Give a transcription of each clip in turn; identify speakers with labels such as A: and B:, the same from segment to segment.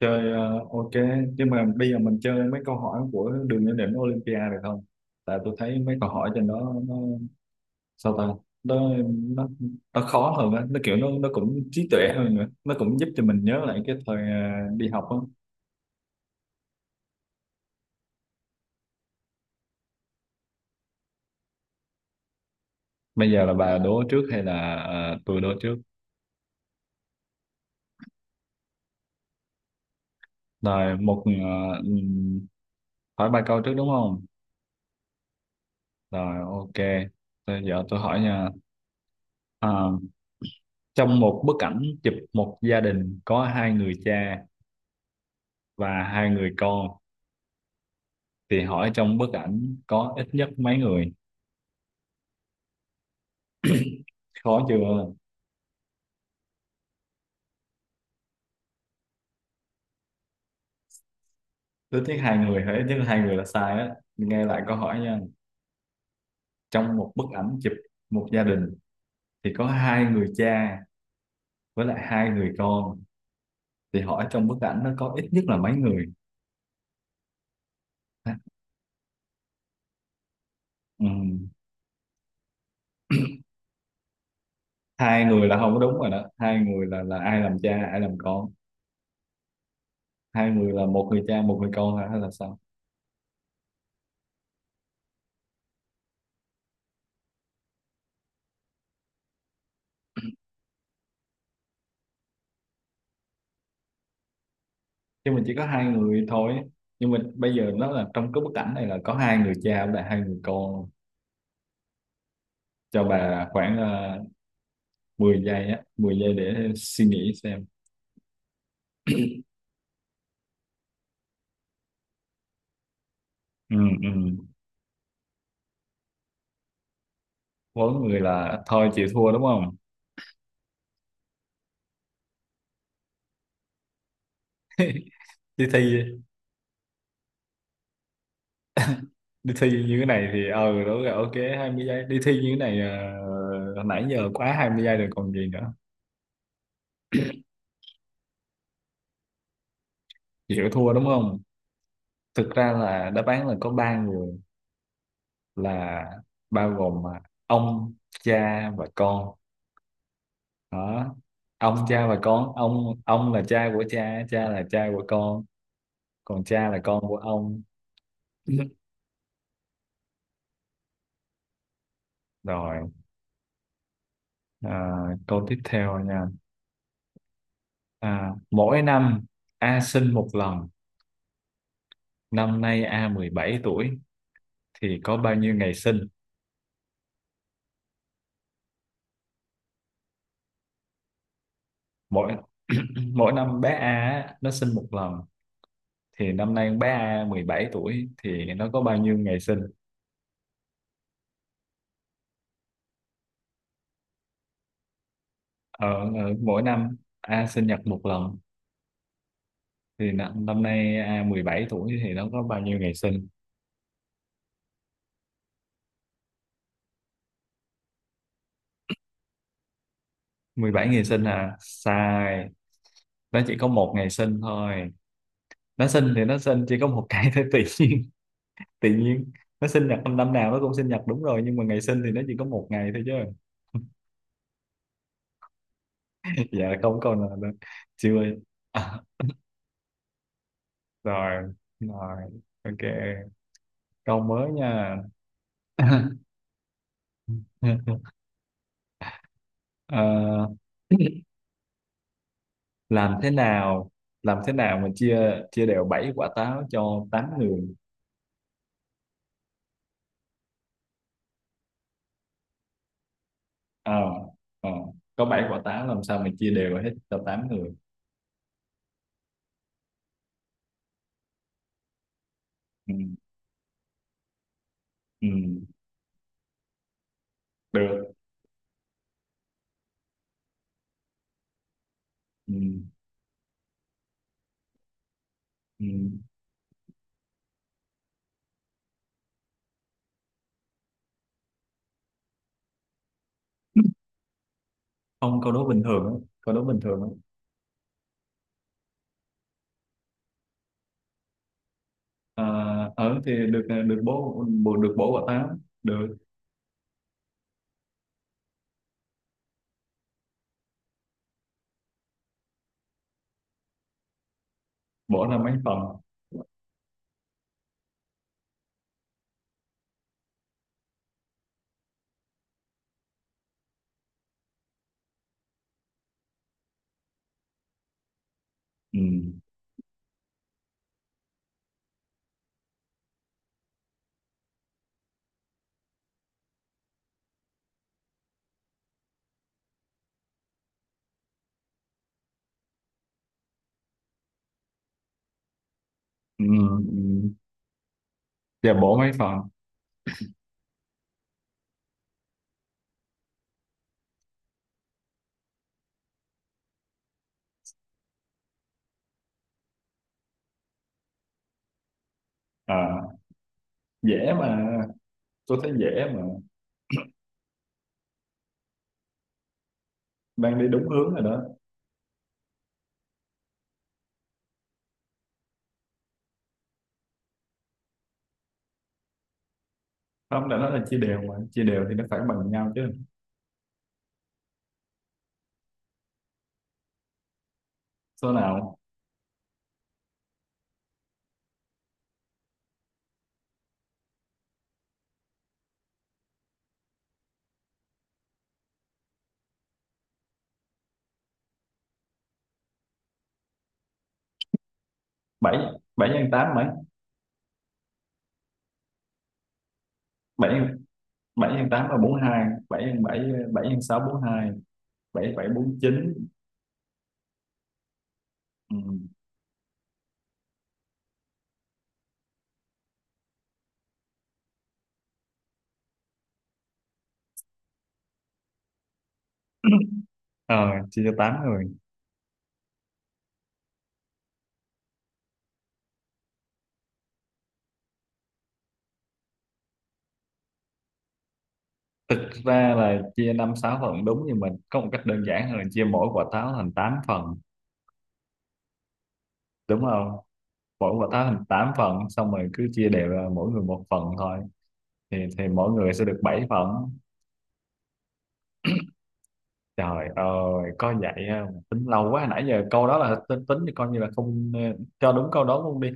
A: Chơi, ok. Nhưng mà bây giờ mình chơi mấy câu hỏi của Đường Lên Đỉnh Olympia được không? Tại tôi thấy mấy câu hỏi trên đó nó sao ta, nó, nó, nó khó hơn á, nó kiểu nó cũng trí tuệ hơn, nữa nó cũng giúp cho mình nhớ lại cái thời đi học á. Bây giờ là bà đố trước hay là tôi đố trước? Rồi, một ừm, hỏi ba câu trước đúng không? Rồi, ok. Bây giờ tôi hỏi nha. À, trong một bức ảnh chụp một gia đình có hai người cha và hai người con, thì hỏi trong bức ảnh có ít nhất mấy người? Khó chưa? Ít nhất hai người? Hay ít nhất hai người là sai á, nghe lại câu hỏi nha. Trong một bức ảnh chụp một gia đình thì có hai người cha với lại hai người con, thì hỏi trong bức ảnh nó có ít nhất là mấy người? Ha, ừ. Hai người là không có đúng rồi đó. Hai người là ai làm cha, ai làm con? Hai người là một người cha một người con hả? Hay là sao? Chứ mình chỉ có hai người thôi, nhưng mà bây giờ nó là trong cái bức ảnh này là có hai người cha với lại hai người con. Cho bà khoảng 10 giây á, 10 giây để suy nghĩ xem. Ừ, ừ. Vốn người là thôi chịu thua đúng không? Đi thi, đi thi như thế này thì ờ đúng rồi, ok. Hai mươi giây, đi thi như thế này, nãy giờ quá 20 giây rồi còn gì nữa. Chịu thua đúng không? Thực ra là đáp án là có ba người, là bao gồm mà, ông, cha và con đó. Ông, cha và con. Ông là cha của cha, cha là cha của con, còn cha là con của ông. Rồi. À, câu tiếp theo nha. À, mỗi năm A sinh một lần, năm nay A 17 tuổi, thì có bao nhiêu ngày sinh? Mỗi mỗi năm bé A á, nó sinh một lần, thì năm nay bé A 17 tuổi thì nó có bao nhiêu ngày sinh? Ờ, ờ, mỗi năm A sinh nhật một lần, thì năm nay A 17 tuổi thì nó có bao nhiêu ngày sinh? Mười bảy ngày sinh à? Sai. Nó chỉ có một ngày sinh thôi. Nó sinh thì nó sinh chỉ có một cái thôi. Tự nhiên, tự nhiên nó sinh nhật, năm năm nào nó cũng sinh nhật đúng rồi, nhưng mà ngày sinh thì nó chỉ có một ngày thôi chứ. Dạ, không, còn là- chưa. Rồi, rồi, ok, câu mới nha. Ờ, làm thế nào, làm thế nào mà chia chia đều bảy quả táo cho tám người? Ờ, ờ, có bảy quả táo làm sao mà chia đều hết cho tám người? Ừ, ừ, được, ừ, ừ. Không, câu đố bình thường á, câu đố bình thường á. Ờ, ở thì được được bố bố- được bố của tám được. Bố là mấy phần? Ừ. Ừ. Ừ. Dạ, bố mấy phần? À, dễ mà, tôi thấy dễ mà. Đang đi đúng hướng rồi đó. Không, đã nói là chia đều mà, chia đều thì nó phải bằng nhau chứ. Số nào? Bảy, bảy nhân tám mấy? Bảy bảy nhân tám là bốn mươi hai, bảy nhân bảy, bảy nhân sáu bốn mươi hai, bảy bảy bốn chín. Ừ. Ờ, chia cho tám rồi. Thực ra là chia năm sáu phần đúng, nhưng mình có một cách đơn giản hơn là chia mỗi quả táo thành 8 phần, đúng không? Mỗi quả táo thành 8 phần xong rồi cứ chia đều ra mỗi người một phần thôi, thì mỗi người sẽ được 7 phần. Trời ơi có vậy không? Tính lâu quá, nãy giờ câu đó là tính, tính thì coi như là không cho đúng câu đó luôn đi.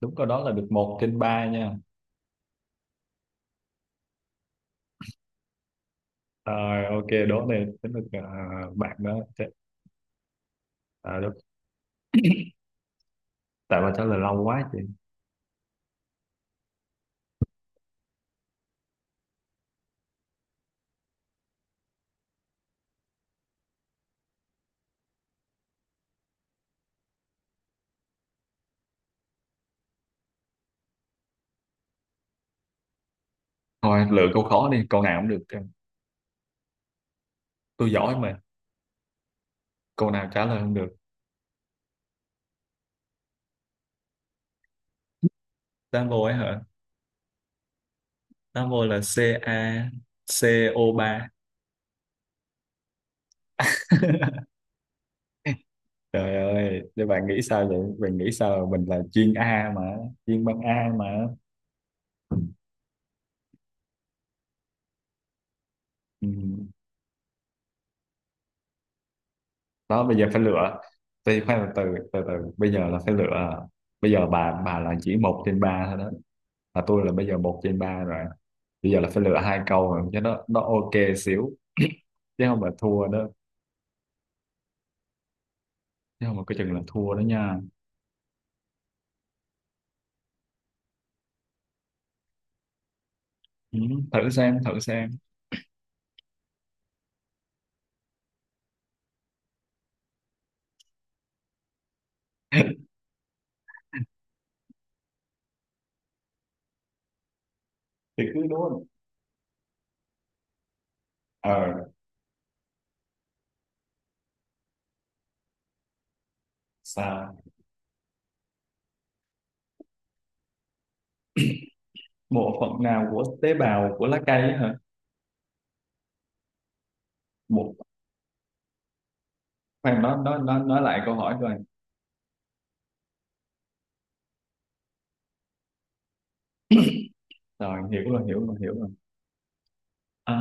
A: Đúng câu đó là được một trên ba nha. Rồi, ok đố này tính được. Ờ, bạn đó, thế- à, đúng. Tại bà trả lời lâu quá chị. Thôi lựa câu khó đi, câu nào cũng được, tôi giỏi mà. Câu nào trả lời không được. Double ấy hả? Double là Ca co ba. Trời ơi, để bạn nghĩ sao vậy? Bạn nghĩ sao? Mình là chuyên A mà, chuyên băng A mà. Ừ. Đó, bây giờ phải lựa. Thì khoan, từ từ, từ bây giờ là phải lựa. Bây giờ bà là chỉ một trên ba thôi đó. Mà tôi là bây giờ một trên ba rồi. Bây giờ là phải lựa hai câu rồi, cho nó ok xíu. Chứ không là thua đó. Chứ không là coi chừng là thua đó nha. Ừ. Thử xem, thử xem. Thì cứ đúng không? Ờ, sao? Bộ phận nào của tế bào của lá cây á hả? Một, khoan, nó nói lại câu hỏi rồi. Rồi hiểu rồi hiểu rồi. À,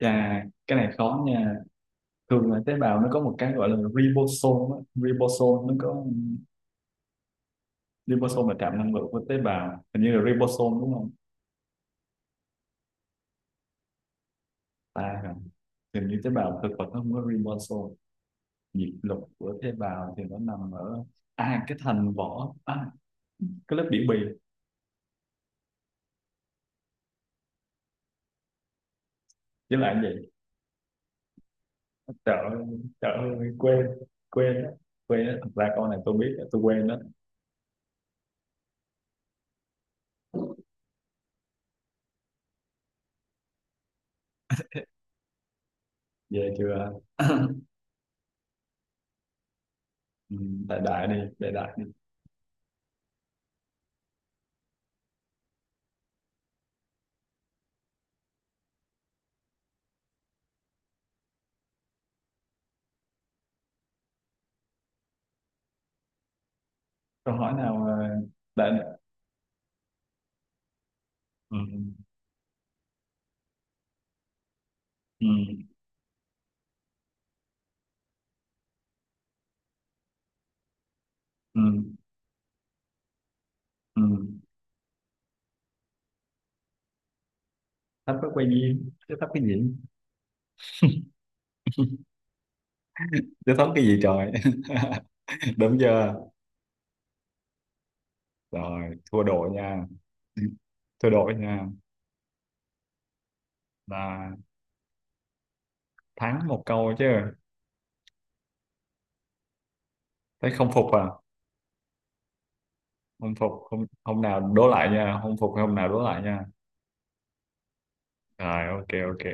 A: chà cái này khó nha. Thường là tế bào nó có một cái gọi là ribosome á. Ribosome nó có, ribosome là trạm năng lượng của tế bào, hình như là ribosome đúng không? Ta hả? Hình như tế bào thực vật nó không có ribosome. Nhịp lục của tế bào thì nó nằm ở à cái thành vỏ, à cái lớp biểu bì với lại vậy. Sợ, sợ, quên, quên á, quên á, thật ra câu này tôi biết tôi quên đó. Về chưa? Ừ, đại đại đi, đại đại đi. Câu hỏi nào đại đại- ừ, ừ, ừ, ừ. Thấp có quay duyên chứ thấp cái gì, chứ thấp cái gì trời. Đúng chưa? Rồi thua đội nha, thua đội nha. Là thắng một câu chứ. Thấy không phục à? Không phục hôm hôm nào đố lại nha, không phục thì hôm nào đố lại nha. Rồi ok, ok.